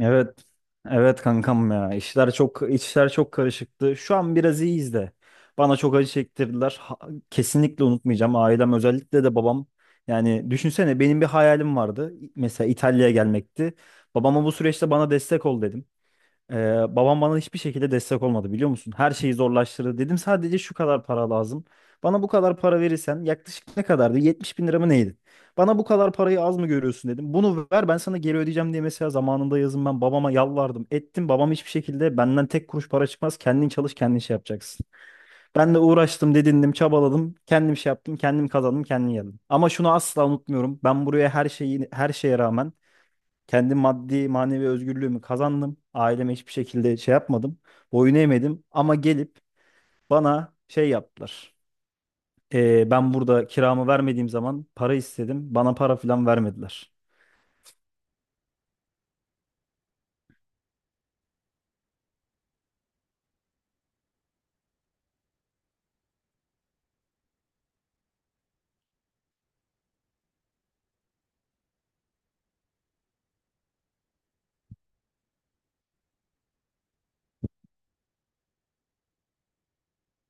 Evet. Evet kankam ya. İşler çok karışıktı. Şu an biraz iyiyiz de. Bana çok acı çektirdiler. Kesinlikle unutmayacağım. Ailem özellikle de babam. Yani düşünsene benim bir hayalim vardı. Mesela İtalya'ya gelmekti. Babama bu süreçte bana destek ol dedim. Babam bana hiçbir şekilde destek olmadı biliyor musun? Her şeyi zorlaştırdı. Dedim sadece şu kadar para lazım. Bana bu kadar para verirsen yaklaşık ne kadardı? 70 bin lira mı neydi? Bana bu kadar parayı az mı görüyorsun dedim. Bunu ver ben sana geri ödeyeceğim diye mesela zamanında yazın ben babama yalvardım. Ettim babam hiçbir şekilde benden tek kuruş para çıkmaz. Kendin çalış kendin şey yapacaksın. Ben de uğraştım dedindim çabaladım. Kendim şey yaptım kendim kazandım kendim geldim. Ama şunu asla unutmuyorum. Ben buraya her şeyi her şeye rağmen kendi maddi manevi özgürlüğümü kazandım. Aileme hiçbir şekilde şey yapmadım. Boyun eğmedim ama gelip bana şey yaptılar. Ben burada kiramı vermediğim zaman para istedim. Bana para falan vermediler.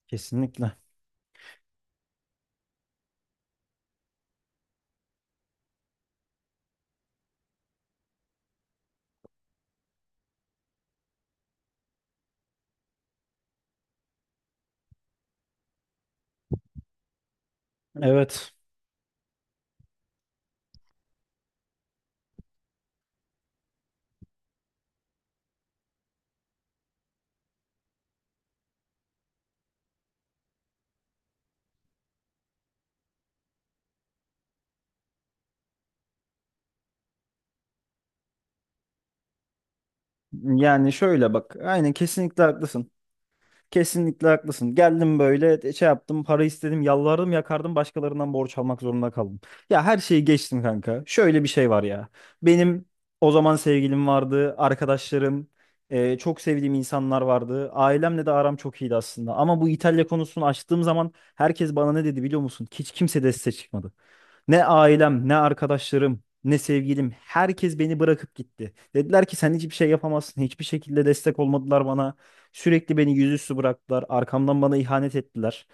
Kesinlikle. Evet. Yani şöyle bak. Aynen kesinlikle haklısın. Kesinlikle haklısın. Geldim böyle şey yaptım, para istedim, yalvardım, yakardım, başkalarından borç almak zorunda kaldım. Ya her şeyi geçtim kanka. Şöyle bir şey var ya. Benim o zaman sevgilim vardı, arkadaşlarım, çok sevdiğim insanlar vardı. Ailemle de aram çok iyiydi aslında. Ama bu İtalya konusunu açtığım zaman herkes bana ne dedi biliyor musun? Hiç kimse desteğe çıkmadı. Ne ailem, ne arkadaşlarım, ne sevgilim, herkes beni bırakıp gitti. Dediler ki sen hiçbir şey yapamazsın. Hiçbir şekilde destek olmadılar bana. Sürekli beni yüzüstü bıraktılar. Arkamdan bana ihanet ettiler.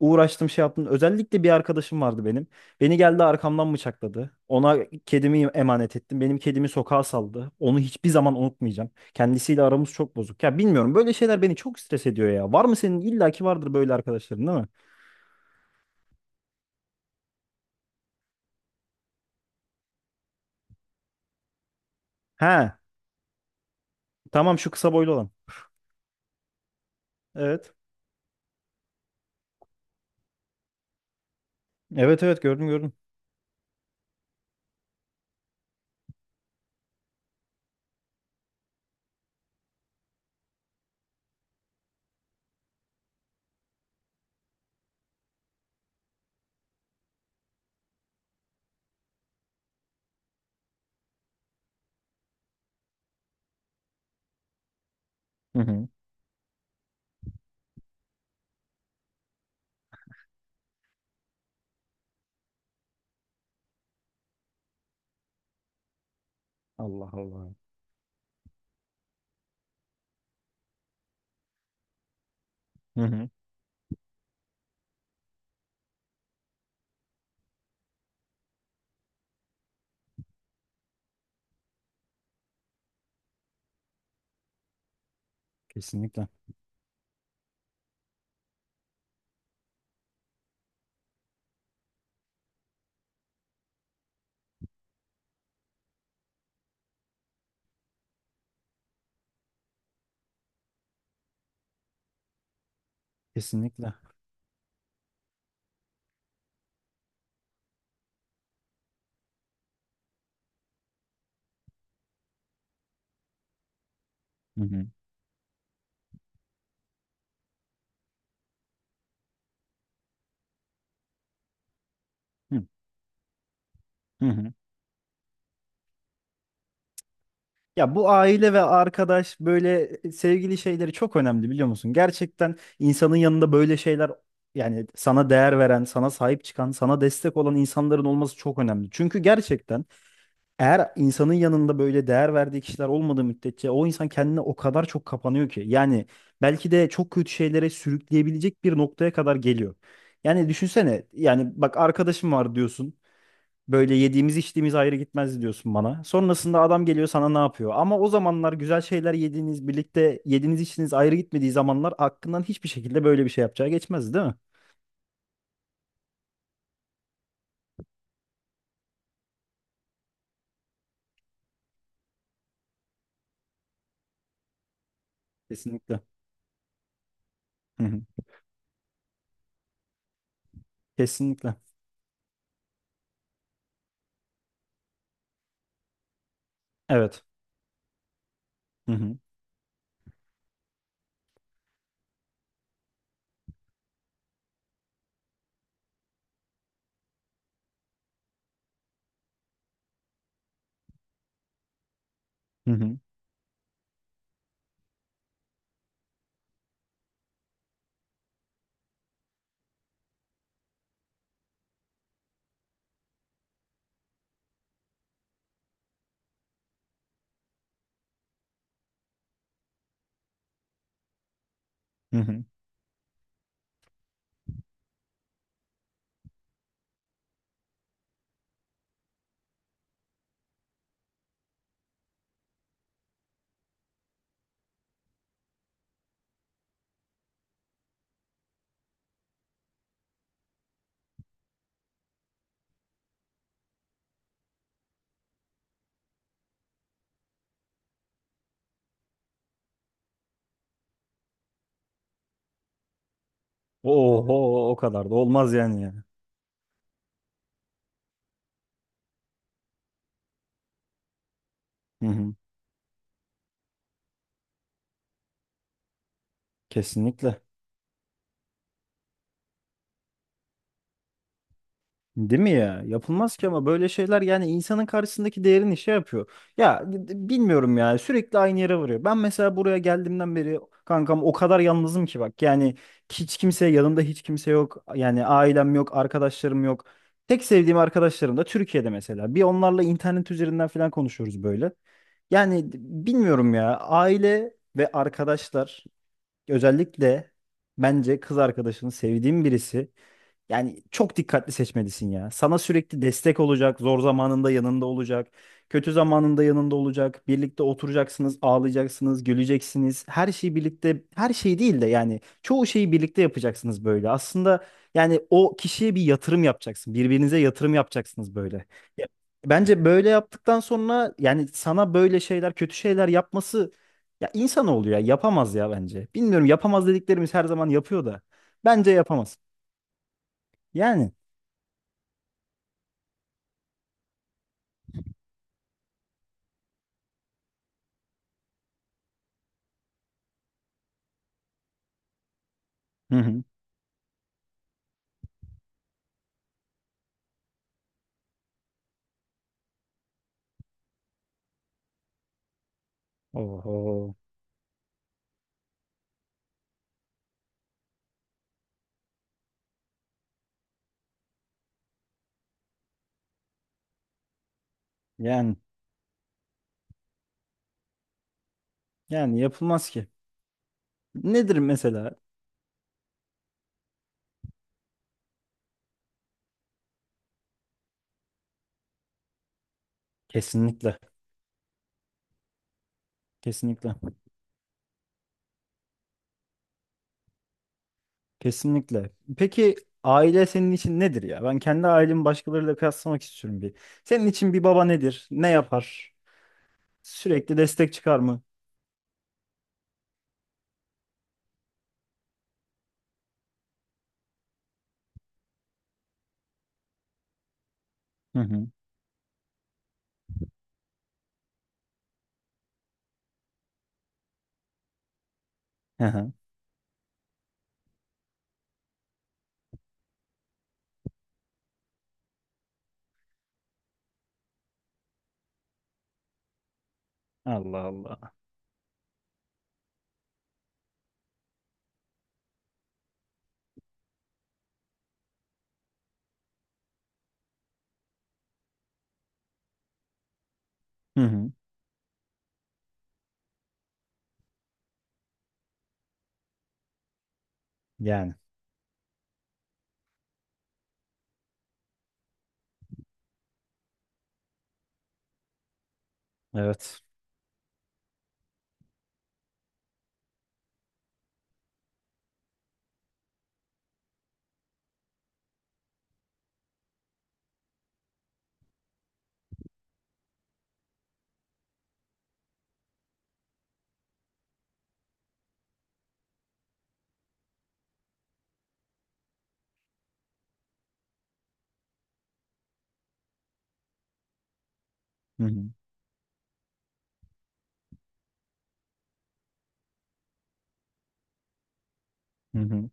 Uğraştım şey yaptım. Özellikle bir arkadaşım vardı benim. Beni geldi arkamdan bıçakladı. Ona kedimi emanet ettim. Benim kedimi sokağa saldı. Onu hiçbir zaman unutmayacağım. Kendisiyle aramız çok bozuk. Ya bilmiyorum böyle şeyler beni çok stres ediyor ya. Var mı senin? İlla ki vardır böyle arkadaşların değil mi? He, tamam şu kısa boylu olan. Evet. Evet evet gördüm gördüm. Hı hı. Allah Allah. Hı hı. Kesinlikle. Kesinlikle. Hı hı. Hı hı. Hı. Ya bu aile ve arkadaş böyle sevgili şeyleri çok önemli biliyor musun? Gerçekten insanın yanında böyle şeyler yani sana değer veren, sana sahip çıkan, sana destek olan insanların olması çok önemli. Çünkü gerçekten eğer insanın yanında böyle değer verdiği kişiler olmadığı müddetçe o insan kendine o kadar çok kapanıyor ki. Yani belki de çok kötü şeylere sürükleyebilecek bir noktaya kadar geliyor. Yani düşünsene yani bak arkadaşım var diyorsun. Böyle yediğimiz içtiğimiz ayrı gitmez diyorsun bana. Sonrasında adam geliyor sana ne yapıyor? Ama o zamanlar güzel şeyler yediğiniz, birlikte yediğiniz içtiğiniz ayrı gitmediği zamanlar aklından hiçbir şekilde böyle bir şey yapacağı geçmezdi değil mi? Kesinlikle. Hı hı. Kesinlikle. Evet. Hı hı. Hı hı. Hı hı. Oho o kadar da olmaz yani ya. Hı hı. Kesinlikle. Değil mi ya? Yapılmaz ki ama böyle şeyler yani insanın karşısındaki değerini şey yapıyor. Ya bilmiyorum ya sürekli aynı yere varıyor. Ben mesela buraya geldiğimden beri kankam o kadar yalnızım ki bak. Yani hiç kimse yanımda hiç kimse yok. Yani ailem yok, arkadaşlarım yok. Tek sevdiğim arkadaşlarım da Türkiye'de mesela. Bir onlarla internet üzerinden falan konuşuyoruz böyle. Yani bilmiyorum ya aile ve arkadaşlar özellikle bence kız arkadaşını sevdiğim birisi yani çok dikkatli seçmelisin ya. Sana sürekli destek olacak, zor zamanında yanında olacak, kötü zamanında yanında olacak. Birlikte oturacaksınız, ağlayacaksınız, güleceksiniz. Her şeyi birlikte, her şey değil de yani çoğu şeyi birlikte yapacaksınız böyle. Aslında yani o kişiye bir yatırım yapacaksın. Birbirinize yatırım yapacaksınız böyle. Ya, bence böyle yaptıktan sonra yani sana böyle şeyler, kötü şeyler yapması ya insan oluyor ya yapamaz ya bence. Bilmiyorum yapamaz dediklerimiz her zaman yapıyor da bence yapamaz. Yani. Hı hı. Oho. Yani yani yapılmaz ki. Nedir mesela? Kesinlikle. Kesinlikle. Kesinlikle. Peki aile senin için nedir ya? Ben kendi ailemi başkalarıyla kıyaslamak istiyorum bir. Senin için bir baba nedir? Ne yapar? Sürekli destek çıkar mı? Hı hı. Hı hı. Allah Allah. Hı hı. Yani evet. Hı hı. Hı hı.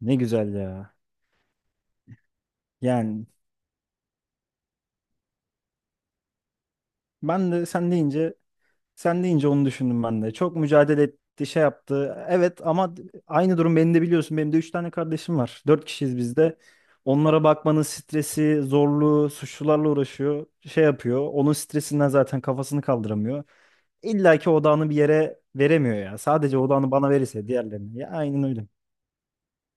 Ne güzel ya. Yani ben de sen deyince sen deyince onu düşündüm ben de. Çok mücadele etti, şey yaptı. Evet ama aynı durum beni de biliyorsun. Benim de üç tane kardeşim var. Dört kişiyiz biz de. Onlara bakmanın stresi, zorluğu, suçlularla uğraşıyor. Şey yapıyor. Onun stresinden zaten kafasını kaldıramıyor. İlla ki odağını bir yere veremiyor ya. Sadece odağını bana verirse diğerlerine. Ya aynen öyle.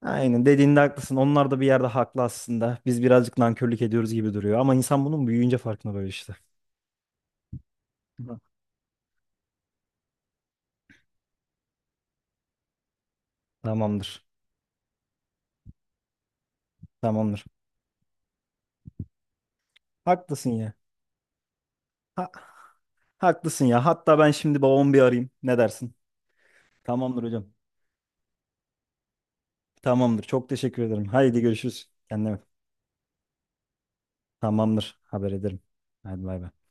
Aynen dediğinde haklısın. Onlar da bir yerde haklı aslında. Biz birazcık nankörlük ediyoruz gibi duruyor. Ama insan bunun büyüyünce farkına varıyor işte. Hı. Tamamdır. Tamamdır. Haklısın ya. Ha, haklısın ya. Hatta ben şimdi babamı bir arayayım. Ne dersin? Tamamdır hocam. Tamamdır. Çok teşekkür ederim. Haydi görüşürüz. Kendine bak. Tamamdır. Haber ederim. Hadi bay bay.